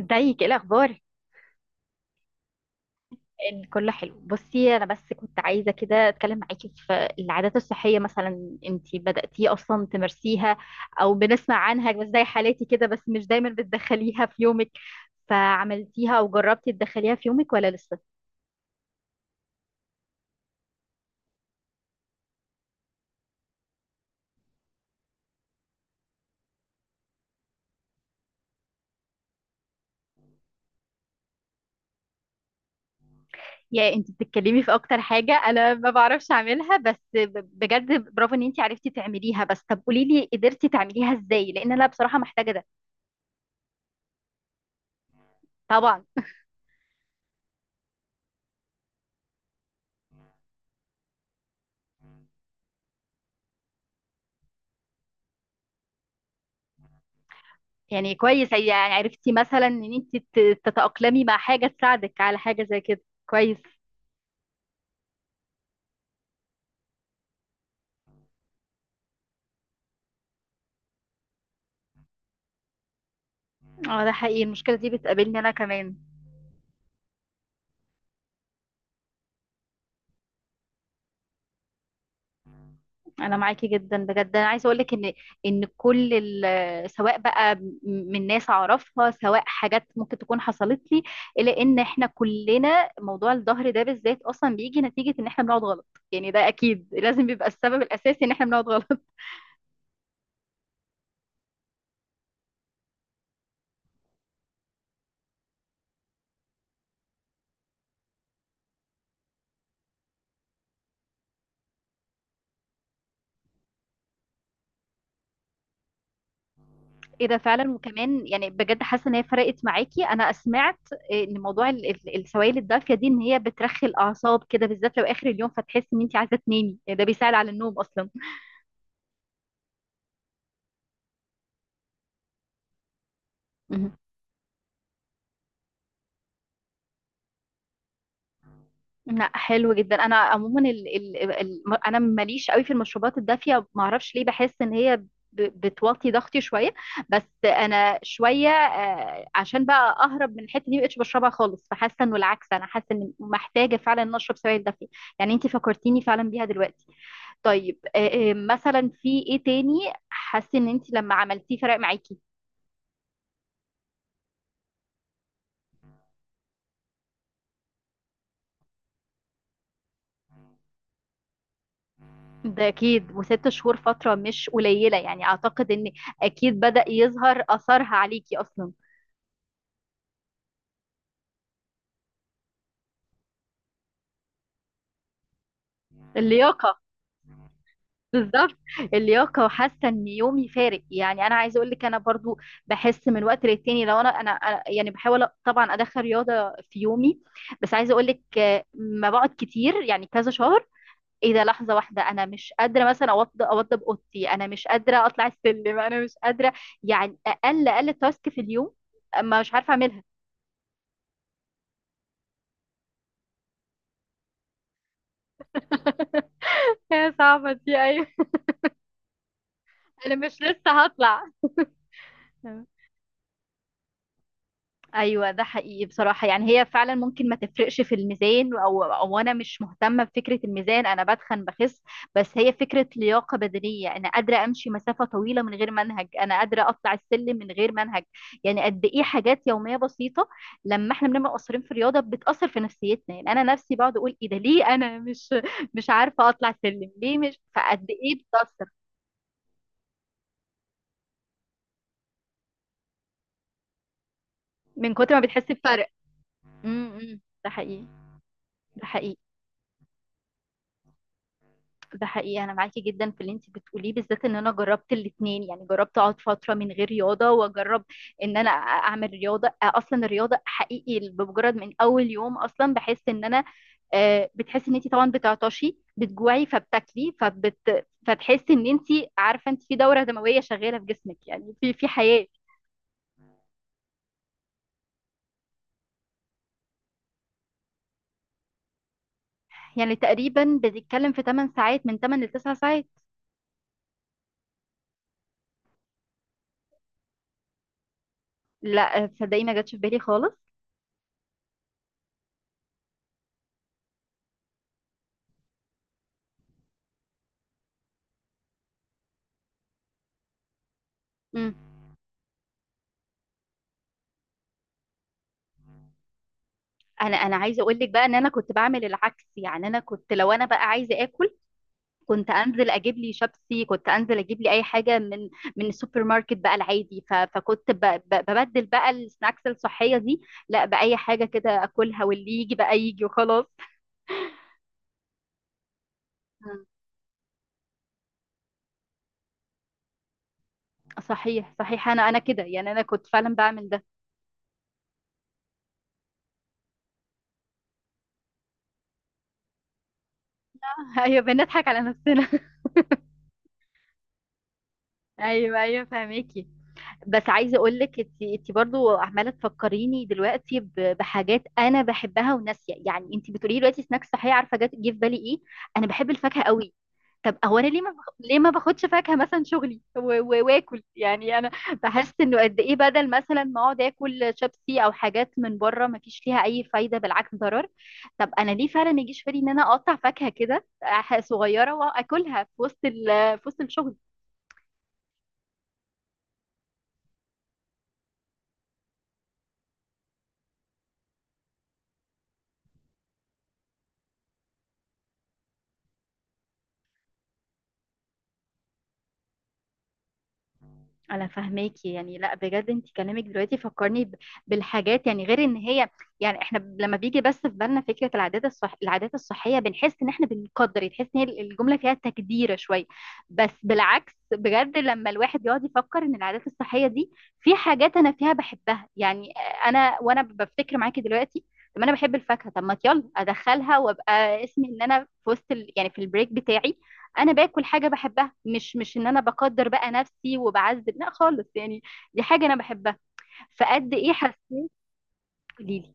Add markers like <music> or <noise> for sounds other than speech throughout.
ازيك، ايه الاخبار؟ ان كله حلو. بصي، انا بس كنت عايزه كده اتكلم معاكي في العادات الصحيه. مثلا انتي بداتي اصلا تمارسيها او بنسمع عنها بس زي حالاتي كده، بس مش دايما بتدخليها في يومك، فعملتيها او جربتي تدخليها في يومك ولا لسه؟ يعني انتي بتتكلمي في اكتر حاجه انا ما بعرفش اعملها، بس بجد برافو ان انتي عرفتي تعمليها. بس طب قولي لي قدرتي تعمليها ازاي؟ لان انا بصراحه محتاجه ده. طبعا. يعني كويس، يعني عرفتي مثلا ان انت تتأقلمي مع حاجة تساعدك على حاجة زي كده، كويس. اه ده حقيقي، المشكلة دي بتقابلني انا كمان. انا معاكي جدا، بجد انا عايزة اقولك ان ان كل سواء بقى من ناس اعرفها، سواء حاجات ممكن تكون حصلت لي، الا ان احنا كلنا موضوع الظهر ده بالذات اصلا بيجي نتيجة ان احنا بنقعد غلط. يعني ده اكيد لازم بيبقى السبب الاساسي ان احنا بنقعد غلط. إيه ده فعلا، وكمان يعني بجد حاسة إن هي فرقت معاكي. أنا سمعت إن موضوع السوائل الدافية دي إن هي بترخي الأعصاب كده، بالذات لو آخر اليوم، فتحس إن أنت عايزة تنامي. يعني ده بيساعد على النوم أصلا. مهم. لا حلو جدا. انا عموما ال انا ماليش قوي في المشروبات الدافيه، ما اعرفش ليه، بحس ان هي بتوطي ضغطي شويه. بس انا شويه، عشان بقى اهرب من الحته دي مبقتش بشربها خالص، فحاسه انه العكس، انا حاسه ان محتاجه فعلا ان اشرب سوائل دافيه. يعني انت فكرتيني فعلا بيها دلوقتي. طيب مثلا في ايه تاني حاسه ان انت لما عملتيه فرق معاكي؟ ده اكيد، وست شهور فتره مش قليله، يعني اعتقد ان اكيد بدأ يظهر اثرها عليكي اصلا. اللياقه. بالظبط. اللياقه، وحاسه ان يومي فارق. يعني انا عايزه اقول لك انا برضو بحس من وقت للتاني، لو يعني بحاول طبعا ادخل رياضه في يومي، بس عايزه اقول لك ما بقعد كتير، يعني كذا شهر ايه ده لحظه واحده انا مش قادره مثلا اوضب اوضتي، انا مش قادره اطلع السلم، انا مش قادره، يعني اقل تاسك في اليوم ما مش عارفه اعملها. <laughs> هي صعبه دي، ايوه. انا مش لسه هطلع. ايوه ده حقيقي بصراحه. يعني هي فعلا ممكن ما تفرقش في الميزان، او انا مش مهتمه بفكره الميزان، انا بتخن بخس، بس هي فكره لياقه بدنيه، انا قادره امشي مسافه طويله من غير منهج، انا قادره اطلع السلم من غير منهج. يعني قد ايه حاجات يوميه بسيطه لما احنا بنبقى مقصرين في الرياضه بتاثر في نفسيتنا. يعني انا نفسي بقعد اقول ايه ده؟ ليه انا مش عارفه اطلع سلم؟ ليه؟ مش فقد ايه بتاثر من كتر ما بتحس بفرق. امم، إمم، ده حقيقي. ده حقيقي. ده حقيقي. انا معاكي جدا في اللي انت بتقوليه، بالذات ان انا جربت الاتنين، يعني جربت اقعد فتره من غير رياضه واجرب ان انا اعمل رياضه. اصلا الرياضه حقيقي بمجرد من اول يوم اصلا بحس ان انا بتحسي ان انت طبعا بتعطشي بتجوعي فبتاكلي فتحسي ان انت عارفه انت في دوره دمويه شغاله في جسمك، يعني في في حياه. يعني تقريبا بتتكلم في 8 ساعات، من 8 ل 9 ساعات. لا تصدقي ما جاتش في بالي خالص. انا عايزه اقول لك بقى ان انا كنت بعمل العكس. يعني انا كنت لو انا بقى عايزه اكل كنت انزل اجيب لي شيبسي، كنت انزل اجيب لي اي حاجه من من السوبر ماركت بقى العادي، فكنت ببدل بقى السناكس الصحيه دي لا باي حاجه كده اكلها، واللي يجي بقى يجي وخلاص. مم. صحيح صحيح انا كده، يعني انا كنت فعلا بعمل ده. <laughs> ايوه بنضحك على نفسنا. <laughs> ايوه ايوه فهميكي. بس عايزه اقول لك انت انت برضه عماله تفكريني دلوقتي بحاجات انا بحبها وناسيه، يعني انت بتقولي لي دلوقتي سناكس صحيه عارفه جه في بالي ايه؟ انا بحب الفاكهه قوي. طب هو انا ليه ما بخ... ليه ما باخدش فاكهه مثلا شغلي واكل؟ يعني انا بحس انه قد ايه بدل مثلا ما اقعد اكل شيبسي او حاجات من بره ما فيش فيها اي فايده، بالعكس ضرر. طب انا ليه فعلا ما يجيش في بالي ان انا اقطع فاكهه كده صغيره واكلها في وسط ال... في وسط الشغل. انا فاهماكي. يعني لا بجد انت كلامك دلوقتي فكرني بالحاجات. يعني غير ان هي، يعني احنا لما بيجي بس في بالنا فكره العادات الصح العادات الصحيه بنحس ان احنا بنقدر، يعني تحس ان هي الجمله فيها تقديره شويه، بس بالعكس، بجد لما الواحد بيقعد يفكر ان العادات الصحيه دي في حاجات انا فيها بحبها. يعني انا وانا بفتكر معاكي دلوقتي طب انا بحب الفاكهه، طب ما يلا ادخلها وابقى اسمي ان انا في وسط يعني في البريك بتاعي انا باكل حاجه بحبها، مش ان انا بقدر بقى نفسي وبعذب، لا خالص يعني. دي حاجه انا بحبها. فقد ايه حسيت. قولي لي.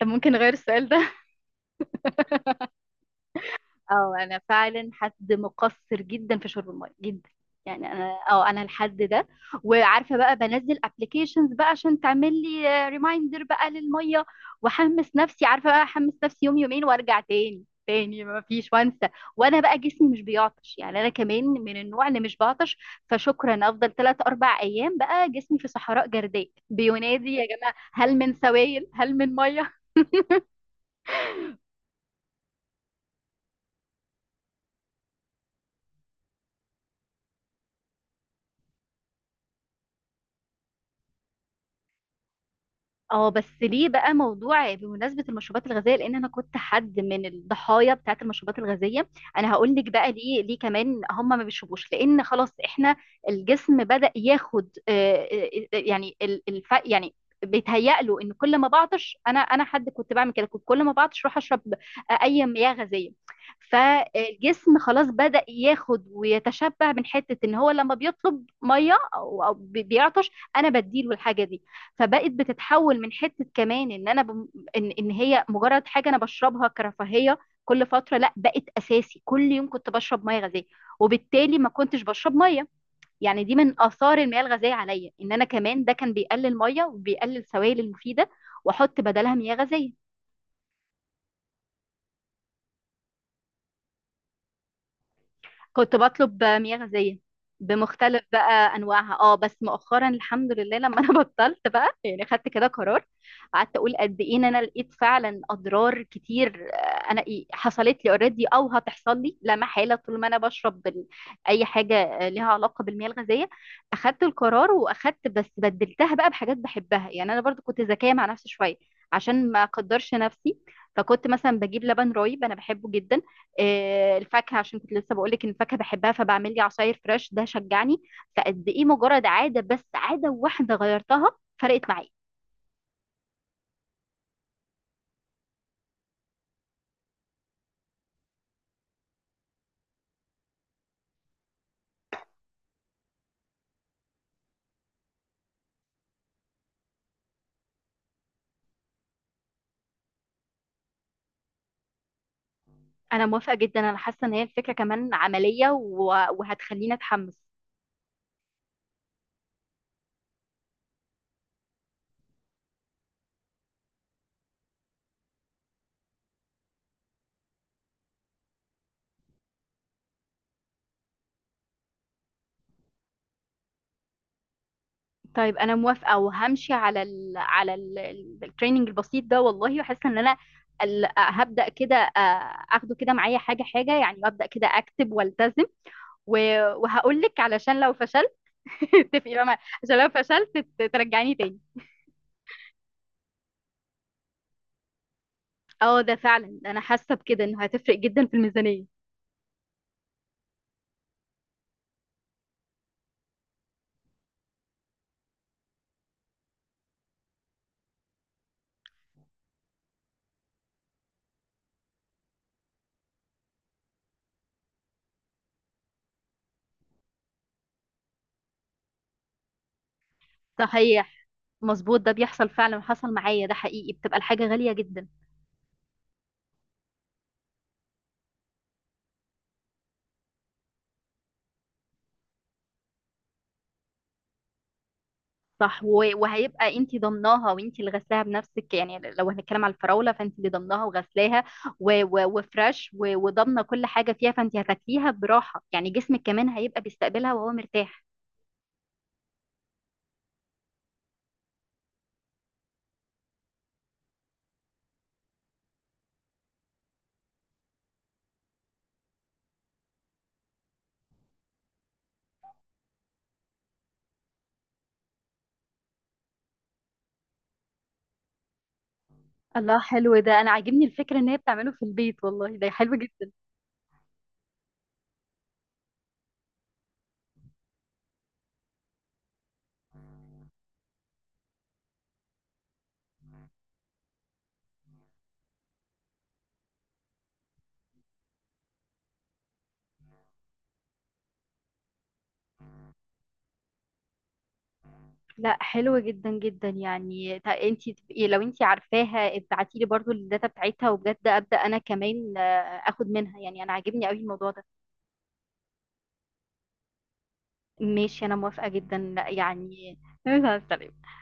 طب ممكن اغير السؤال ده. اه انا فعلا حد مقصر جدا في شرب الميه، جدا يعني. انا اه انا الحد ده. وعارفه بقى بنزل ابلكيشنز بقى عشان تعمل لي ريمايندر بقى للميه، واحمس نفسي عارفه بقى احمس نفسي يوم يومين وارجع تاني تاني ما فيش وانسى. وانا بقى جسمي مش بيعطش، يعني انا كمان من النوع اللي مش بعطش. فشكرا افضل ثلاث اربع ايام بقى جسمي في صحراء جرداء بينادي يا جماعه، هل من سوائل، هل من ميه. اه بس ليه بقى؟ موضوع بمناسبة المشروبات الغازية، لأن أنا كنت حد من الضحايا بتاعة المشروبات الغازية. أنا هقول لك بقى ليه، ليه كمان هم ما بيشربوش؟ لأن خلاص إحنا الجسم بدأ ياخد يعني الف، يعني بيتهيأ له إن كل ما بعطش. أنا حد كنت بعمل كده، كنت كل ما بعطش أروح أشرب أي مياه غازية. فالجسم خلاص بدأ ياخد ويتشبع من حتة إن هو لما بيطلب مية أو بيعطش أنا بديله الحاجة دي. فبقت بتتحول من حته كمان ان انا بم... إن... ان هي مجرد حاجه انا بشربها كرفاهيه كل فتره، لا بقت اساسي كل يوم كنت بشرب ميه غازيه، وبالتالي ما كنتش بشرب ميه. يعني دي من اثار المياه الغازيه عليا ان انا كمان ده كان بيقلل ميه وبيقلل سوائل المفيده، واحط بدلها مياه غازيه. كنت بطلب مياه غازية بمختلف بقى انواعها. اه بس مؤخرا الحمد لله لما انا <laughs> بطلت بقى، يعني خدت كده قرار. قعدت اقول قد ايه ان انا لقيت فعلا اضرار كتير، انا إيه حصلت لي اوريدي او هتحصل لي لا محاله طول ما انا بشرب اي حاجه ليها علاقه بالمياه الغازيه. اخدت القرار واخدت، بس بدلتها بقى بحاجات بحبها. يعني انا برضو كنت ذكيه مع نفسي شويه، عشان ما اقدرش نفسي، فكنت مثلا بجيب لبن رايب انا بحبه جدا، الفاكهه عشان كنت لسه بقول لك ان الفاكهه بحبها فبعمل لي عصاير فريش، ده شجعني. فقد ايه مجرد عاده، بس عاده واحده غيرتها فرقت معايا. انا موافقه جدا، انا حاسه ان هي الفكره كمان عمليه وهتخليني اتحمس. طيب انا موافقه وهمشي على ال على التريننج البسيط ده والله، وحاسه ان انا هبدا كده اخده كده معايا حاجه حاجه، يعني ابدا كده اكتب والتزم. وهقول لك علشان لو فشلت <laughs> اتفقي بقى معايا، عشان لو فشلت ترجعيني تاني. اه ده فعلا انا حاسه بكده انه هتفرق جدا في الميزانيه. صحيح. مظبوط ده بيحصل فعلا وحصل معايا، ده حقيقي بتبقى الحاجه غاليه جدا. صح وهيبقى انت ضمناها وانت اللي غسلاها بنفسك، يعني لو هنتكلم على الفراوله فانت اللي ضمناها وغسلاها وفريش وضامنه كل حاجه فيها، فانت هتاكليها براحه، يعني جسمك كمان هيبقى بيستقبلها وهو مرتاح. الله حلو ده، انا عاجبني الفكره ان هي بتعمله في البيت، والله ده حلو جدا. لا حلو جدا جدا، يعني انت تبقي لو انت عارفاها ابعتي لي برضو الداتا بتاعتها، وبجد ابدا انا كمان اخد منها. يعني انا عاجبني قوي الموضوع ده. ماشي انا موافقة جدا لا يعني. <laughs> مع السلامة.